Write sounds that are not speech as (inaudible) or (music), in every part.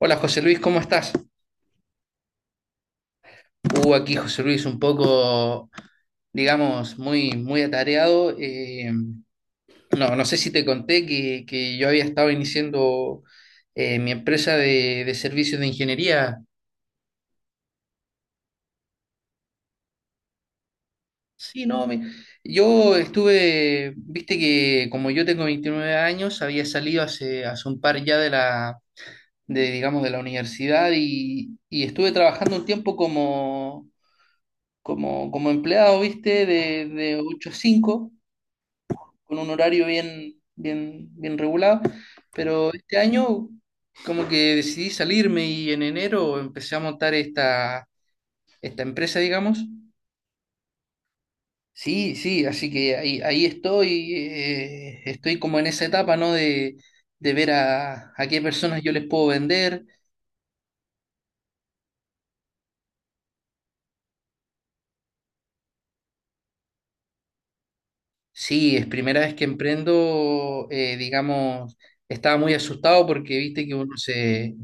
Hola José Luis, ¿cómo estás? Aquí José Luis un poco, digamos, muy, muy atareado. No sé si te conté que yo había estado iniciando mi empresa de servicios de ingeniería. Sí, no, yo estuve, viste que como yo tengo 29 años, había salido hace un par ya de de, digamos, de la universidad y estuve trabajando un tiempo como empleado, viste, de 8 a 5, con un horario bien regulado, pero este año como que decidí salirme y en enero empecé a montar esta empresa, digamos. Sí, sí, así que ahí estoy, estoy como en esa etapa, ¿no? De ver a qué personas yo les puedo vender. Sí, es primera vez que emprendo, digamos, estaba muy asustado porque viste que uno se,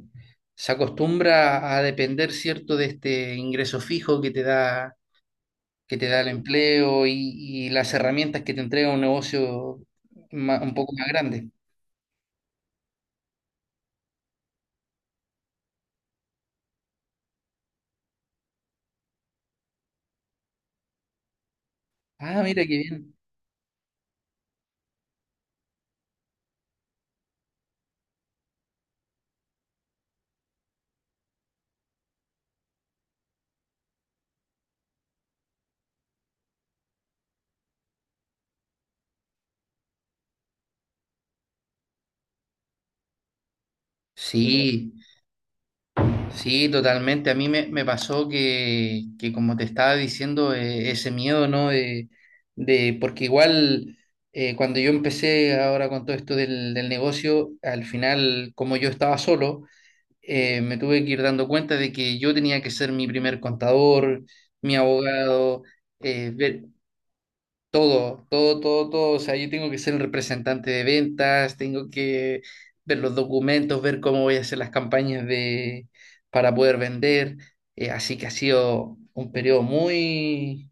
se acostumbra a depender, ¿cierto?, de este ingreso fijo que te da el empleo y las herramientas que te entrega un negocio un poco más grande. Ah, mira qué bien. Sí, sí, totalmente. A mí me, me pasó que, como te estaba diciendo, ese miedo, ¿no? De, porque igual cuando yo empecé ahora con todo esto del negocio, al final, como yo estaba solo, me tuve que ir dando cuenta de que yo tenía que ser mi primer contador, mi abogado, eh, ver, todo, todo, todo, todo. O sea, yo tengo que ser el representante de ventas, tengo que ver los documentos, ver cómo voy a hacer las campañas de, para poder vender. Así que ha sido un periodo muy,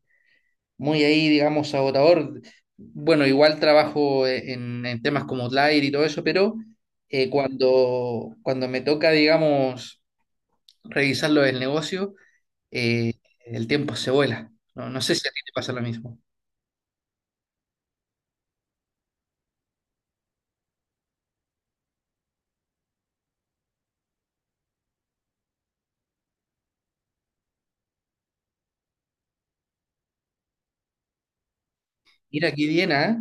muy ahí, digamos, agotador. Bueno, igual trabajo en temas como Outlier y todo eso, pero cuando me toca, digamos, revisarlo del negocio, eh, el tiempo se vuela. No, no sé si a ti te pasa lo mismo. Mira, qué bien, ¿ah?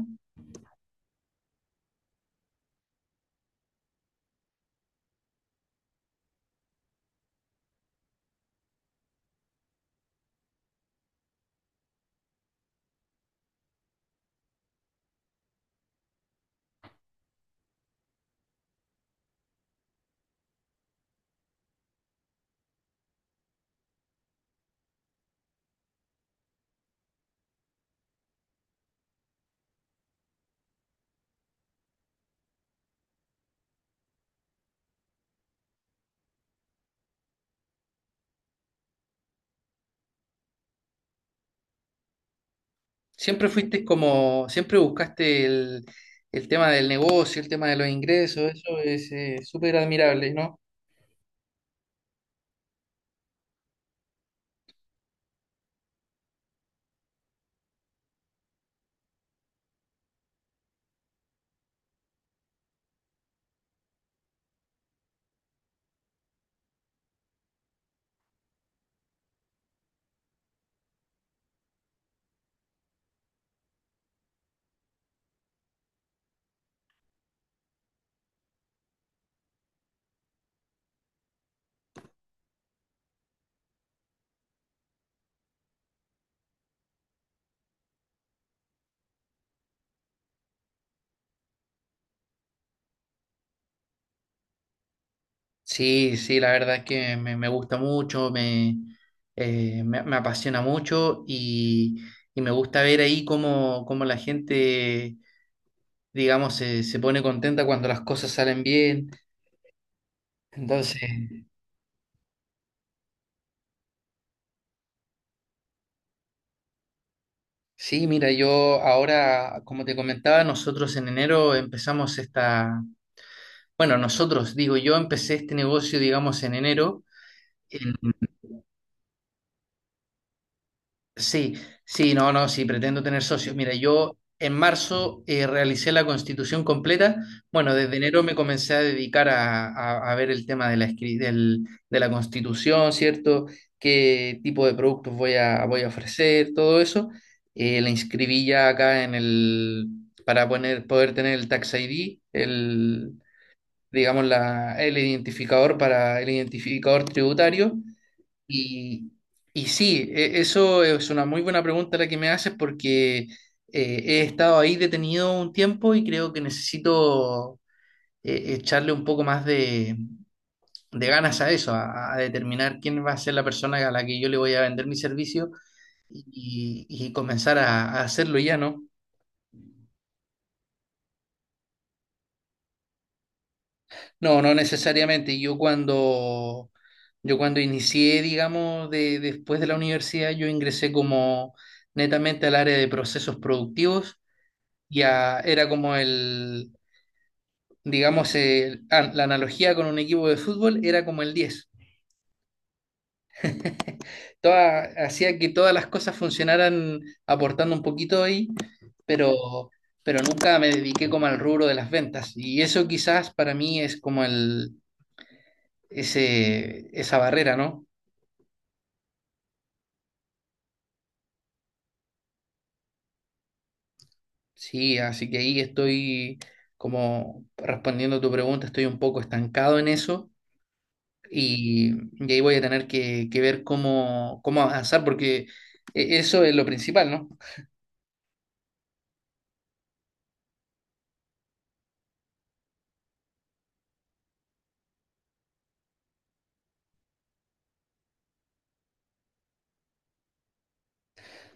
Siempre fuiste como, siempre buscaste el tema del negocio, el tema de los ingresos, eso es súper admirable, ¿no? Sí, sí, la verdad es que me gusta mucho, me apasiona mucho y me gusta ver ahí cómo, cómo la gente, digamos, se pone contenta cuando las cosas salen bien. Entonces, sí, mira, yo ahora, como te comentaba, nosotros en enero empezamos esta. Bueno, nosotros, digo, yo empecé este negocio, digamos, en enero. En- sí, sí, no, no, sí, pretendo tener socios. Mira, yo en marzo realicé la constitución completa. Bueno, desde enero me comencé a dedicar a, a ver el tema de la, de la constitución, ¿cierto? ¿Qué tipo de productos voy a, voy a ofrecer? Todo eso. La inscribí ya acá en el, para poder tener el Tax ID, digamos, la, el identificador para el identificador tributario. Y, y sí, eso es una muy buena pregunta la que me haces porque he estado ahí detenido un tiempo y creo que necesito echarle un poco más de ganas a eso, a determinar quién va a ser la persona a la que yo le voy a vender mi servicio y comenzar a hacerlo ya, ¿no? No, no necesariamente. Yo cuando inicié, digamos, de, después de la universidad, yo ingresé como netamente al área de procesos productivos. Ya era como el, digamos, la analogía con un equipo de fútbol era como el diez. (laughs) Hacía que todas las cosas funcionaran aportando un poquito ahí, pero, pero nunca me dediqué como al rubro de las ventas. Y eso quizás para mí es como el, ese, esa barrera, ¿no? Sí, así que ahí estoy como respondiendo tu pregunta, estoy un poco estancado en eso y, y ahí voy a tener que ver cómo, cómo avanzar porque eso es lo principal, ¿no?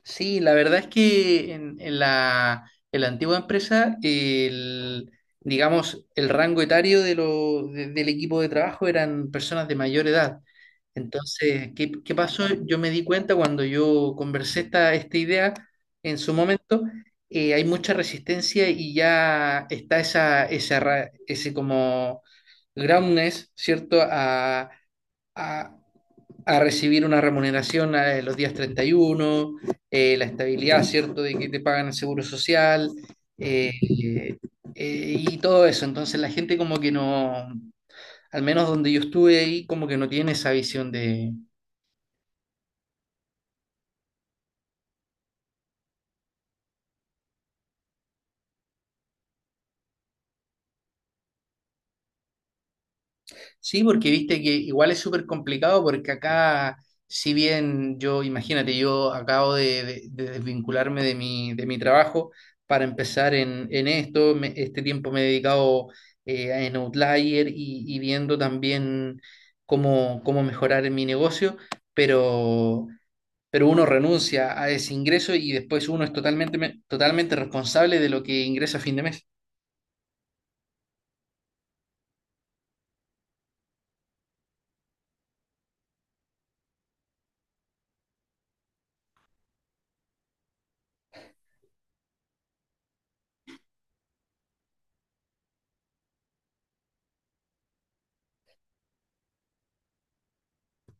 Sí, la verdad es que en la antigua empresa, el, digamos, el rango etario de del equipo de trabajo eran personas de mayor edad. Entonces, ¿qué, qué pasó? Yo me di cuenta cuando yo conversé esta idea en su momento, hay mucha resistencia y ya está esa, ese como groundness, ¿cierto? A, a- a recibir una remuneración a los días 31, la estabilidad, ¿cierto?, de que te pagan el seguro social, eh, y todo eso. Entonces la gente como que no, al menos donde yo estuve ahí, como que no tiene esa visión de… Sí, porque viste que igual es súper complicado porque acá, si bien yo, imagínate, yo acabo de, de desvincularme de mi trabajo para empezar en esto, este tiempo me he dedicado en Outlier y viendo también cómo, cómo mejorar en mi negocio, pero, pero uno renuncia a ese ingreso y después uno es totalmente, totalmente responsable de lo que ingresa a fin de mes.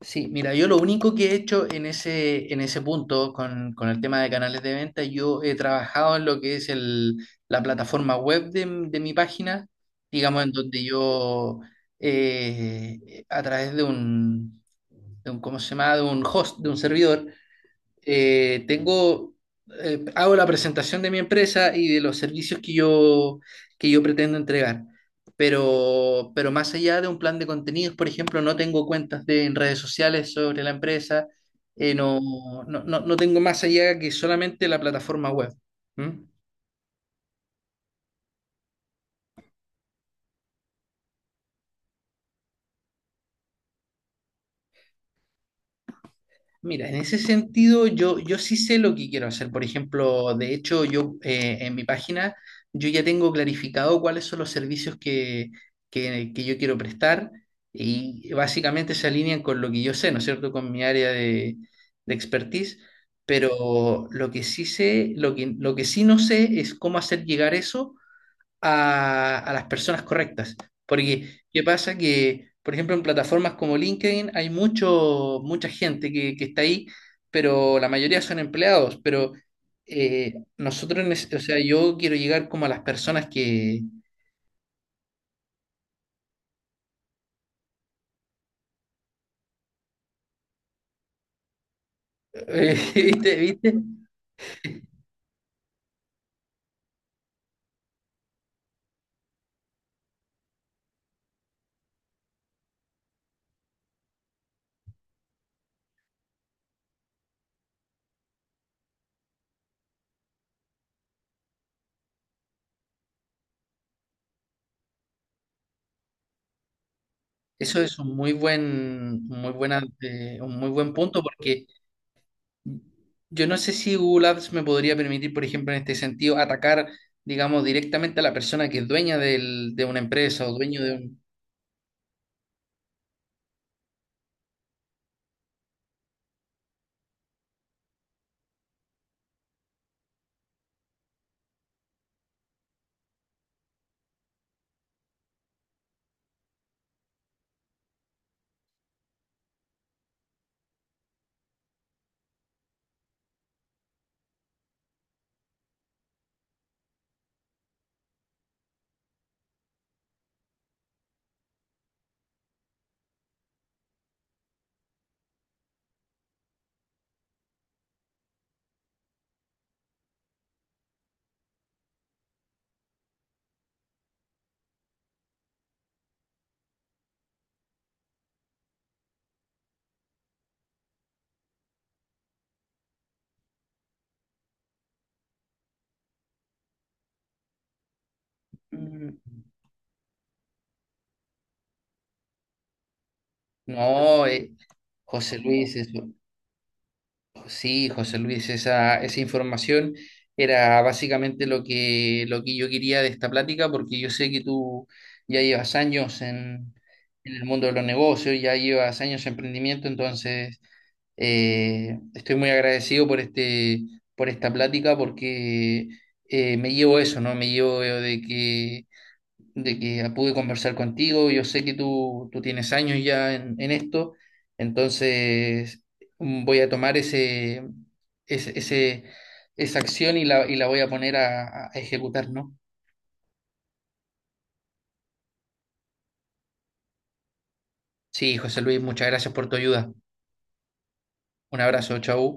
Sí, mira, yo lo único que he hecho en ese punto con el tema de canales de venta, yo he trabajado en lo que es el, la plataforma web de, de mi página, digamos, en donde yo, a través de un, ¿cómo se llama?, de un host, de un servidor, eh, tengo, hago la presentación de mi empresa y de los servicios que yo pretendo entregar. Pero más allá de un plan de contenidos, por ejemplo, no tengo cuentas de, en redes sociales sobre la empresa, no, no, no tengo más allá que solamente la plataforma web. ¿Mm? Mira, en ese sentido yo, yo sí sé lo que quiero hacer. Por ejemplo, de hecho, yo en mi página yo ya tengo clarificado cuáles son los servicios que yo quiero prestar y básicamente se alinean con lo que yo sé, ¿no es cierto?, con mi área de expertise. Pero lo que sí sé, lo que sí no sé es cómo hacer llegar eso a las personas correctas. Porque, ¿qué pasa? Que, por ejemplo, en plataformas como LinkedIn hay mucho, mucha gente que está ahí, pero la mayoría son empleados. Pero o sea, yo quiero llegar como a las personas que… (laughs) ¿viste? ¿Viste? Eso es un muy muy buena, un muy buen punto porque yo no sé si Google Ads me podría permitir, por ejemplo, en este sentido, atacar, digamos, directamente a la persona que es dueña de una empresa o dueño de un… Mm. No, José Luis, eso- Sí, José Luis, esa información era básicamente lo que yo quería de esta plática, porque yo sé que tú ya llevas años en el mundo de los negocios, ya llevas años en emprendimiento, entonces… Estoy muy agradecido por este, por esta plática porque me llevo eso, ¿no? Me llevo de que pude conversar contigo. Yo sé que tú tienes años ya en esto, entonces mm, voy a tomar ese, ese, ese- esa acción y la voy a poner a ejecutar, ¿no? Sí, José Luis, muchas gracias por tu ayuda. Un abrazo, chau.